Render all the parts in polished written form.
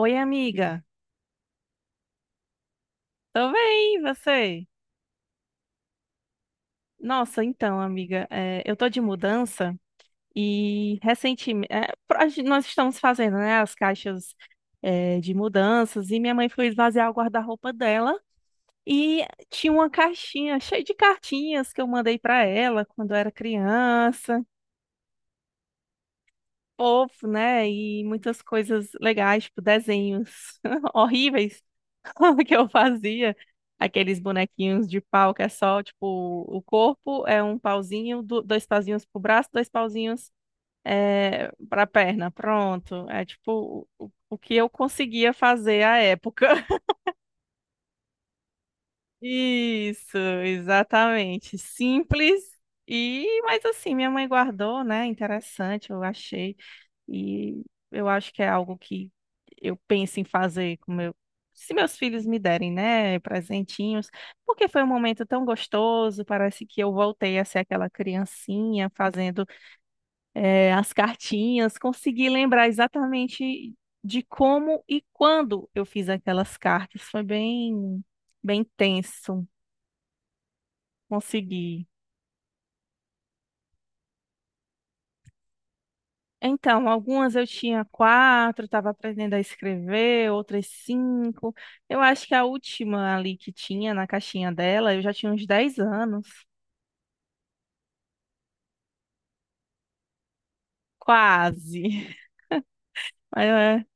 Oi, amiga. Tô bem, e você? Nossa, então, amiga, eu tô de mudança e recentemente nós estamos fazendo, né, as caixas de mudanças e minha mãe foi esvaziar o guarda-roupa dela e tinha uma caixinha cheia de cartinhas que eu mandei pra ela quando eu era criança. Fofo, né? E muitas coisas legais, tipo desenhos horríveis que eu fazia. Aqueles bonequinhos de pau que é só, tipo, o corpo é um pauzinho, dois pauzinhos pro braço, dois pauzinhos pra perna. Pronto. É tipo o que eu conseguia fazer à época. Isso, exatamente. Simples. E, mas assim, minha mãe guardou, né? Interessante, eu achei. E eu acho que é algo que eu penso em fazer com meu, se meus filhos me derem, né, presentinhos, porque foi um momento tão gostoso, parece que eu voltei a ser aquela criancinha fazendo as cartinhas, consegui lembrar exatamente de como e quando eu fiz aquelas cartas, foi bem, bem tenso, consegui. Então, algumas eu tinha 4, estava aprendendo a escrever, outras 5. Eu acho que a última ali que tinha na caixinha dela, eu já tinha uns 10 anos. Quase. Mas, é,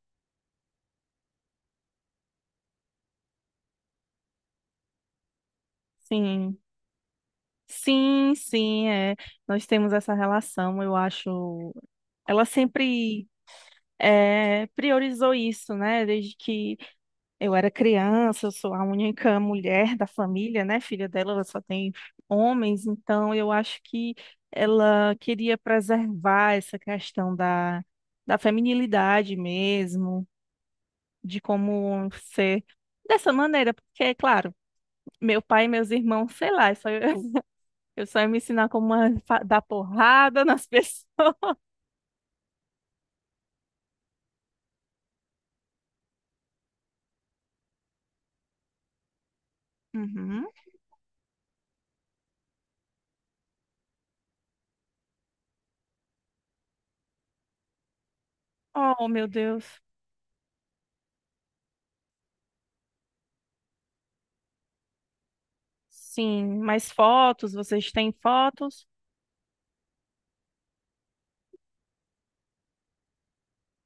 sim. Sim, sim, é. Nós temos essa relação, eu acho. Ela sempre priorizou isso, né? Desde que eu era criança, eu sou a única mulher da família, né? Filha dela, ela só tem homens, então eu acho que ela queria preservar essa questão da feminilidade mesmo, de como ser dessa maneira, porque, é claro, meu pai e meus irmãos, sei lá, é só eu, eu só ia me ensinar como dar porrada nas pessoas. Uhum. Oh, meu Deus. Sim, mais fotos, vocês têm fotos?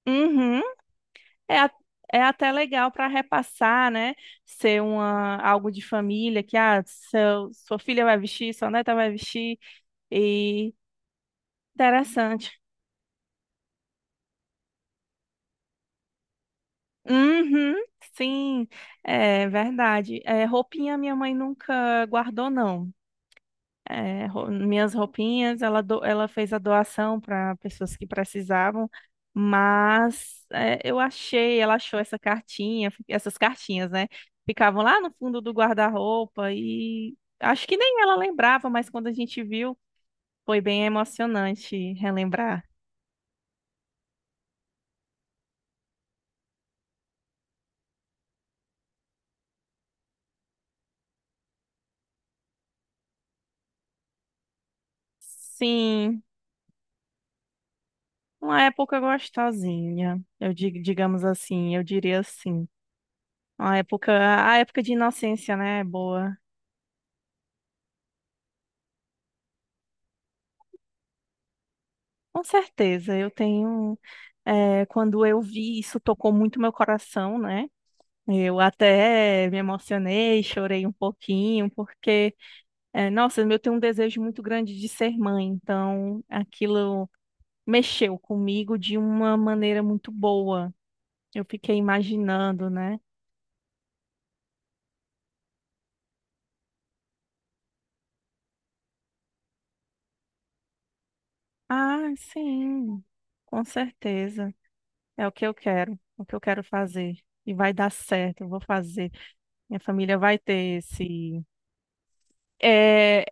Uhum. É é até legal para repassar, né? Ser uma, algo de família, que ah, seu, sua filha vai vestir, sua neta vai vestir, e interessante. Uhum, sim, é verdade. É, roupinha minha mãe nunca guardou, não. É, minhas roupinhas, ela, ela fez a doação para pessoas que precisavam, mas é, eu achei, ela achou essa cartinha, essas cartinhas, né? Ficavam lá no fundo do guarda-roupa e acho que nem ela lembrava, mas quando a gente viu, foi bem emocionante relembrar. Sim, uma época gostosinha, eu digo, digamos assim, eu diria assim. Uma época, a época de inocência, né? É boa. Com certeza, eu tenho. Quando eu vi isso, tocou muito meu coração, né? Eu até me emocionei, chorei um pouquinho, porque, nossa, eu tenho um desejo muito grande de ser mãe, então aquilo mexeu comigo de uma maneira muito boa. Eu fiquei imaginando, né? Ah, sim, com certeza. É o que eu quero, é o que eu quero fazer. E vai dar certo, eu vou fazer. Minha família vai ter esse. É,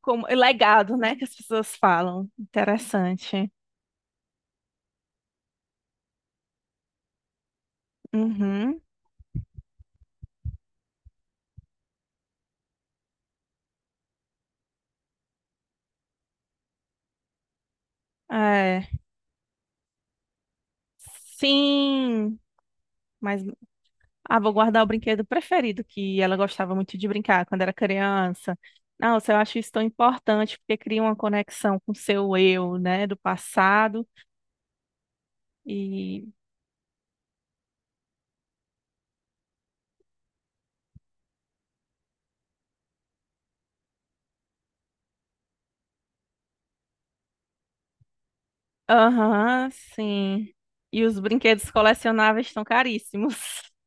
como legado, né, que as pessoas falam. Interessante. Uhum. É. Sim, mas ah, vou guardar o brinquedo preferido que ela gostava muito de brincar quando era criança. Nossa, eu acho isso tão importante porque cria uma conexão com o seu eu, né, do passado. E aham, sim. E os brinquedos colecionáveis estão caríssimos.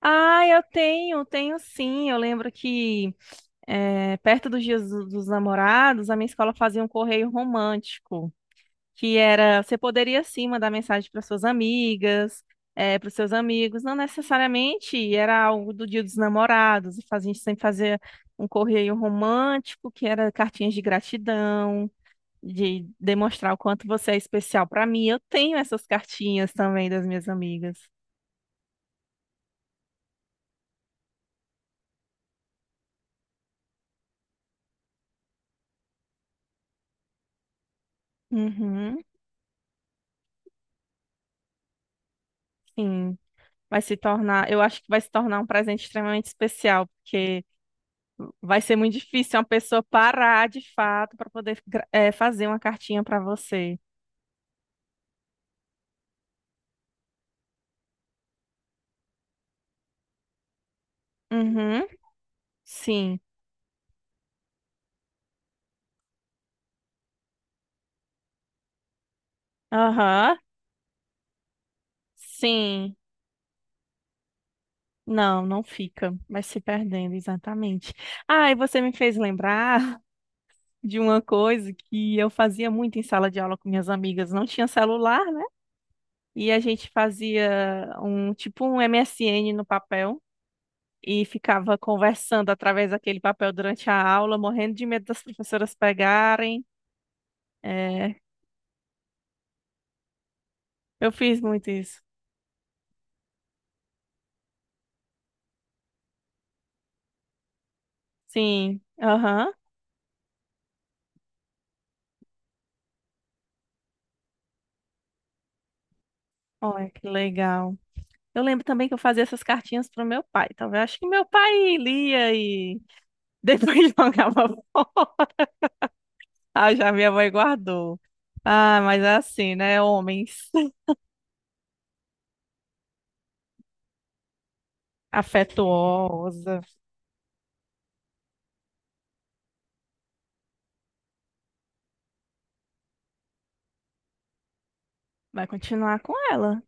Ah, eu tenho, tenho sim. Eu lembro que é, perto dos dias dos namorados, a minha escola fazia um correio romântico, que era, você poderia sim mandar mensagem para suas amigas, é, para os seus amigos, não necessariamente era algo do dia dos namorados, e a gente sempre fazia um correio romântico, que era cartinhas de gratidão, de demonstrar o quanto você é especial para mim. Eu tenho essas cartinhas também das minhas amigas. Uhum, sim. Vai se tornar, eu acho que vai se tornar um presente extremamente especial, porque vai ser muito difícil uma pessoa parar de fato para poder fazer uma cartinha para você. Uhum. Sim. Aham. Sim. Não, não fica. Vai se perdendo, exatamente. Ah, e você me fez lembrar de uma coisa que eu fazia muito em sala de aula com minhas amigas. Não tinha celular, né? E a gente fazia um tipo um MSN no papel. E ficava conversando através daquele papel durante a aula, morrendo de medo das professoras pegarem. É, eu fiz muito isso. Sim. Aham. Olha, que legal. Eu lembro também que eu fazia essas cartinhas pro meu pai. Talvez acho que meu pai lia e depois jogava fora. Ah, já minha mãe guardou. Ah, mas é assim, né? Homens. Afetuosa. Vai continuar com ela.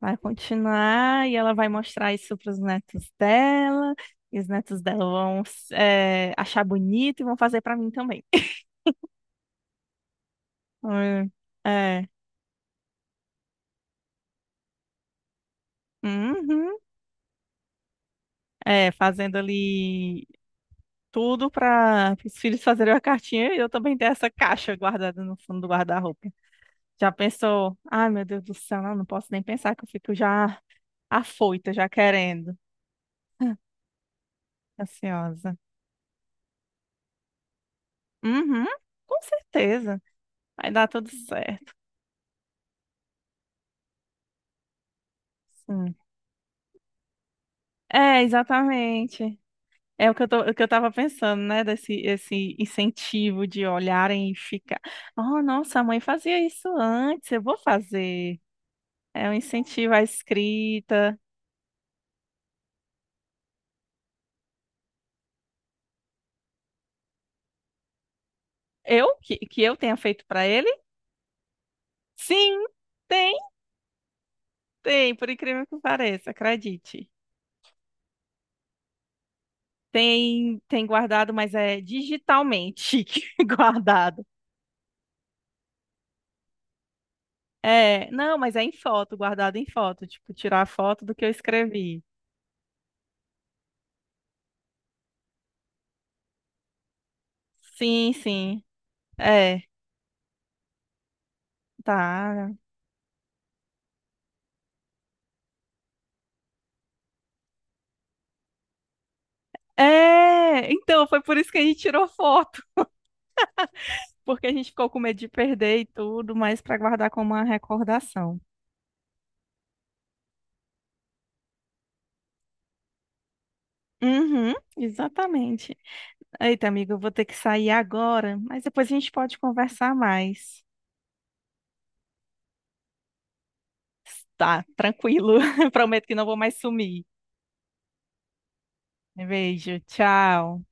Vai continuar e ela vai mostrar isso para os netos dela. E os netos dela vão achar bonito e vão fazer para mim também. É. É. Uhum. É, fazendo ali tudo para os filhos fazerem uma cartinha e eu também ter essa caixa guardada no fundo do guarda-roupa. Já pensou? Ai, meu Deus do céu, não, não posso nem pensar que eu fico já afoita, já querendo. Ansiosa. Uhum, com certeza. Vai dar tudo certo. Sim. É, exatamente. É o que eu tô, o que eu tava pensando, né? Desse esse incentivo de olharem e ficar. Oh, nossa, a mãe fazia isso antes, eu vou fazer. É um incentivo à escrita. Eu? Que eu tenha feito para ele? Sim, tem, tem, por incrível que pareça, acredite. Tem, tem guardado, mas é digitalmente guardado. É, não, mas é em foto, guardado em foto, tipo, tirar a foto do que eu escrevi. Sim, sim. É, tá. É, então foi por isso que a gente tirou foto, porque a gente ficou com medo de perder e tudo, mas para guardar como uma recordação. Uhum, exatamente. Eita, amigo, eu vou ter que sair agora, mas depois a gente pode conversar mais. Tá, tranquilo. Prometo que não vou mais sumir. Beijo, tchau.